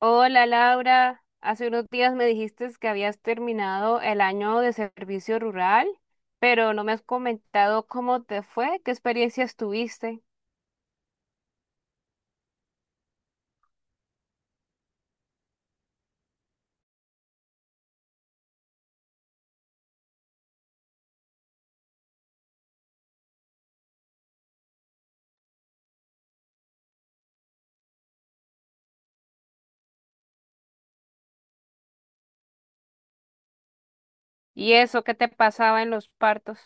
Hola, Laura, hace unos días me dijiste que habías terminado el año de servicio rural, pero no me has comentado cómo te fue, qué experiencias tuviste y eso, qué te pasaba en los partos.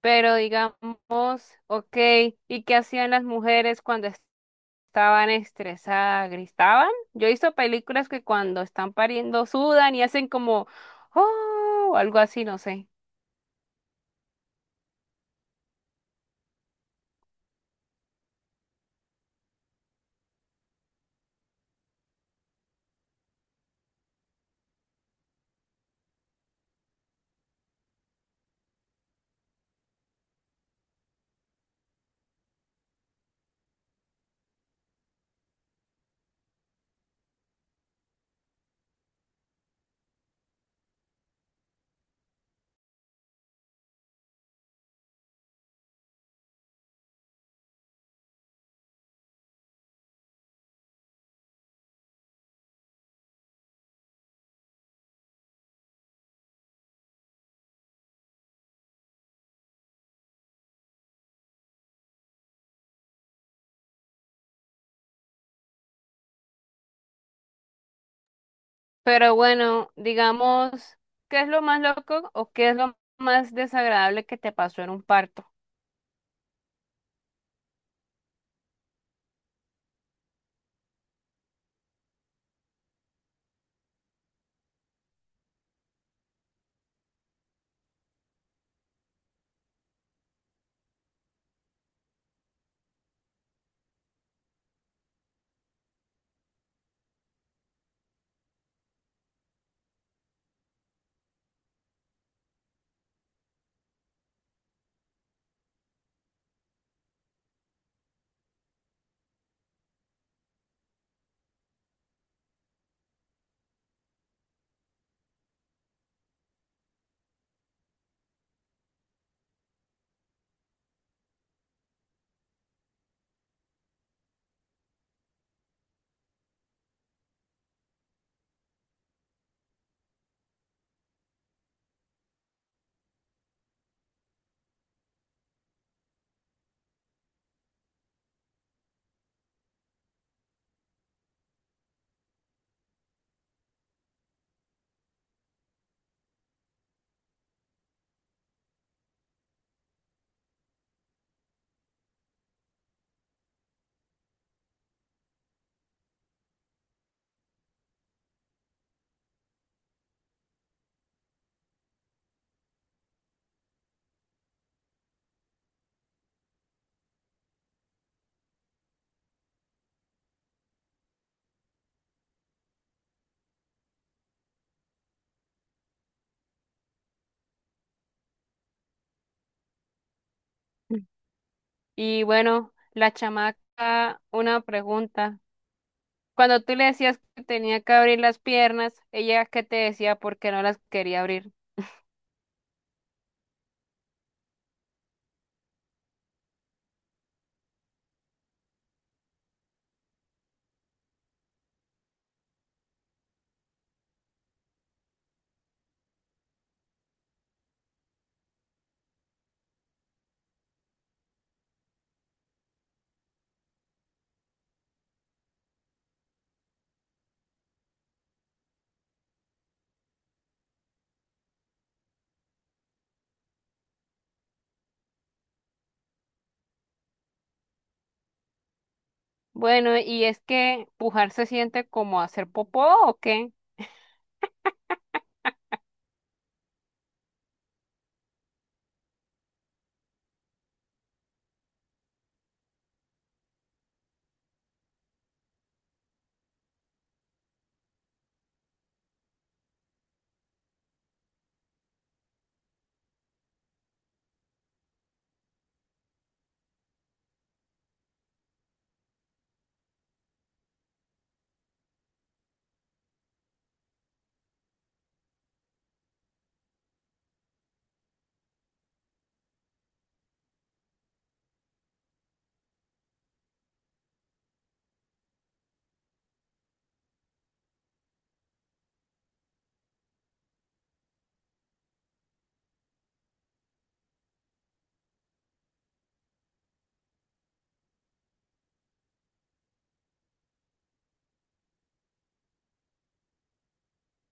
Pero digamos, ok, ¿y qué hacían las mujeres cuando estaban estresadas? ¿Gritaban? Yo he visto películas que cuando están pariendo sudan y hacen como, oh, o algo así, no sé. Pero bueno, digamos, ¿qué es lo más loco o qué es lo más desagradable que te pasó en un parto? Y bueno, la chamaca, una pregunta. Cuando tú le decías que tenía que abrir las piernas, ella qué te decía porque no las quería abrir. Bueno, ¿y es que pujar se siente como hacer popó o qué?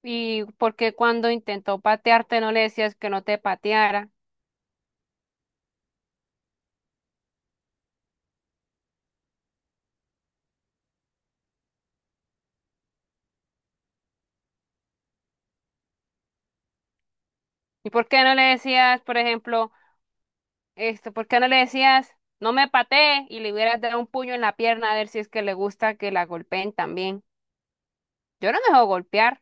¿Y por qué cuando intentó patearte no le decías que no te pateara? ¿Y por qué no le decías, por ejemplo, esto, por qué no le decías, no me patee, y le hubieras dado un puño en la pierna a ver si es que le gusta que la golpeen también? Yo no me dejo golpear.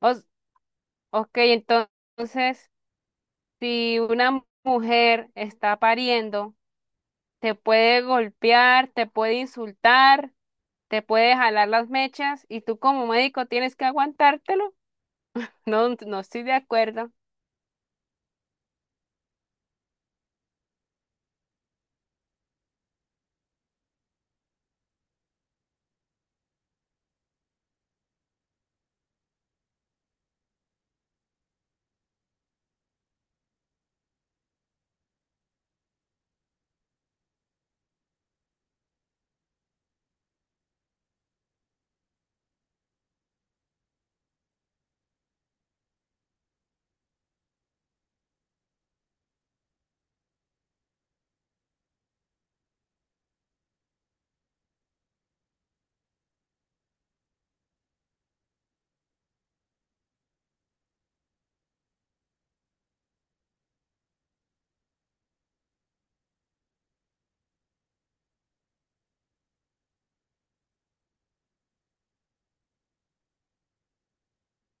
Os- ok, entonces, si una mujer está pariendo, te puede golpear, te puede insultar, te puede jalar las mechas y tú como médico tienes que aguantártelo. No, no estoy de acuerdo.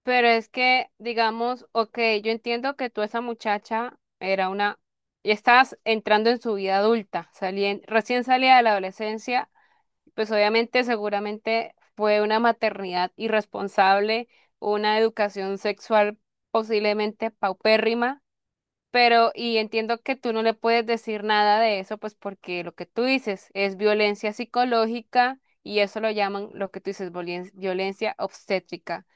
Pero es que, digamos, ok, yo entiendo que tú esa muchacha era una, y estás entrando en su vida adulta, recién salida de la adolescencia, pues obviamente seguramente fue una maternidad irresponsable, una educación sexual posiblemente paupérrima, pero y entiendo que tú no le puedes decir nada de eso, pues porque lo que tú dices es violencia psicológica y eso lo llaman lo que tú dices, violencia obstétrica.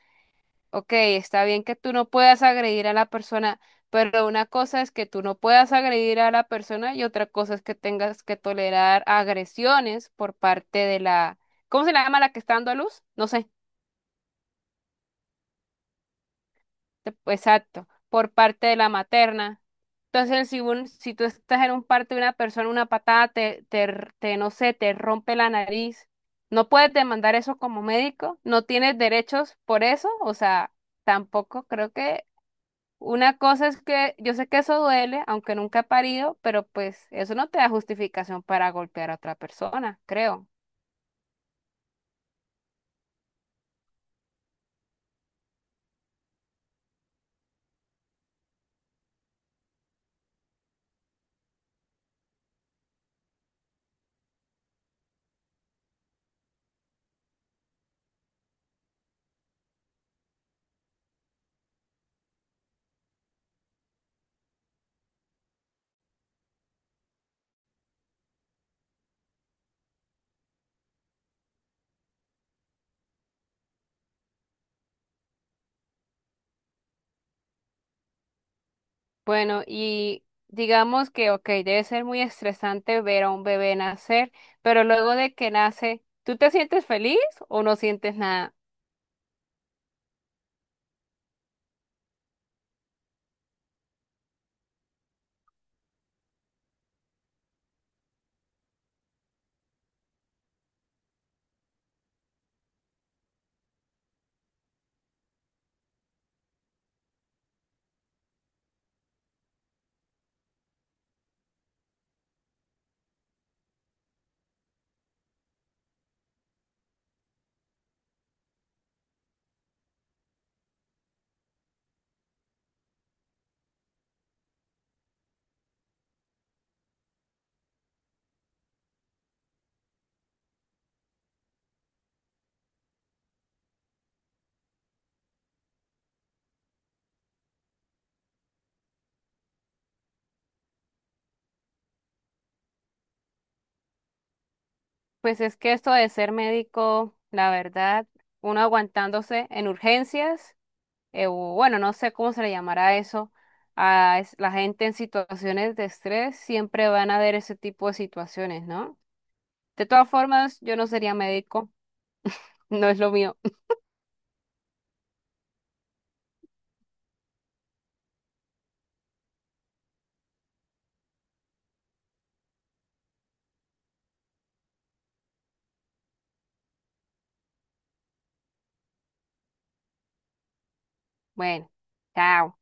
Ok, está bien que tú no puedas agredir a la persona, pero una cosa es que tú no puedas agredir a la persona y otra cosa es que tengas que tolerar agresiones por parte de la, ¿cómo se le llama la que está dando a luz? No sé, exacto, por parte de la materna. Entonces, si, si tú estás en un parto de una persona, una patada te, no sé, te rompe la nariz, no puedes demandar eso como médico, no tienes derechos por eso, o sea, tampoco creo que. Una cosa es que yo sé que eso duele, aunque nunca he parido, pero pues eso no te da justificación para golpear a otra persona, creo. Bueno, y digamos que, ok, debe ser muy estresante ver a un bebé nacer, pero luego de que nace, ¿tú te sientes feliz o no sientes nada? Pues es que esto de ser médico, la verdad, uno aguantándose en urgencias. O bueno, no sé cómo se le llamará eso, la gente en situaciones de estrés, siempre van a haber ese tipo de situaciones, ¿no? De todas formas, yo no sería médico, no es lo mío. Bueno, chao.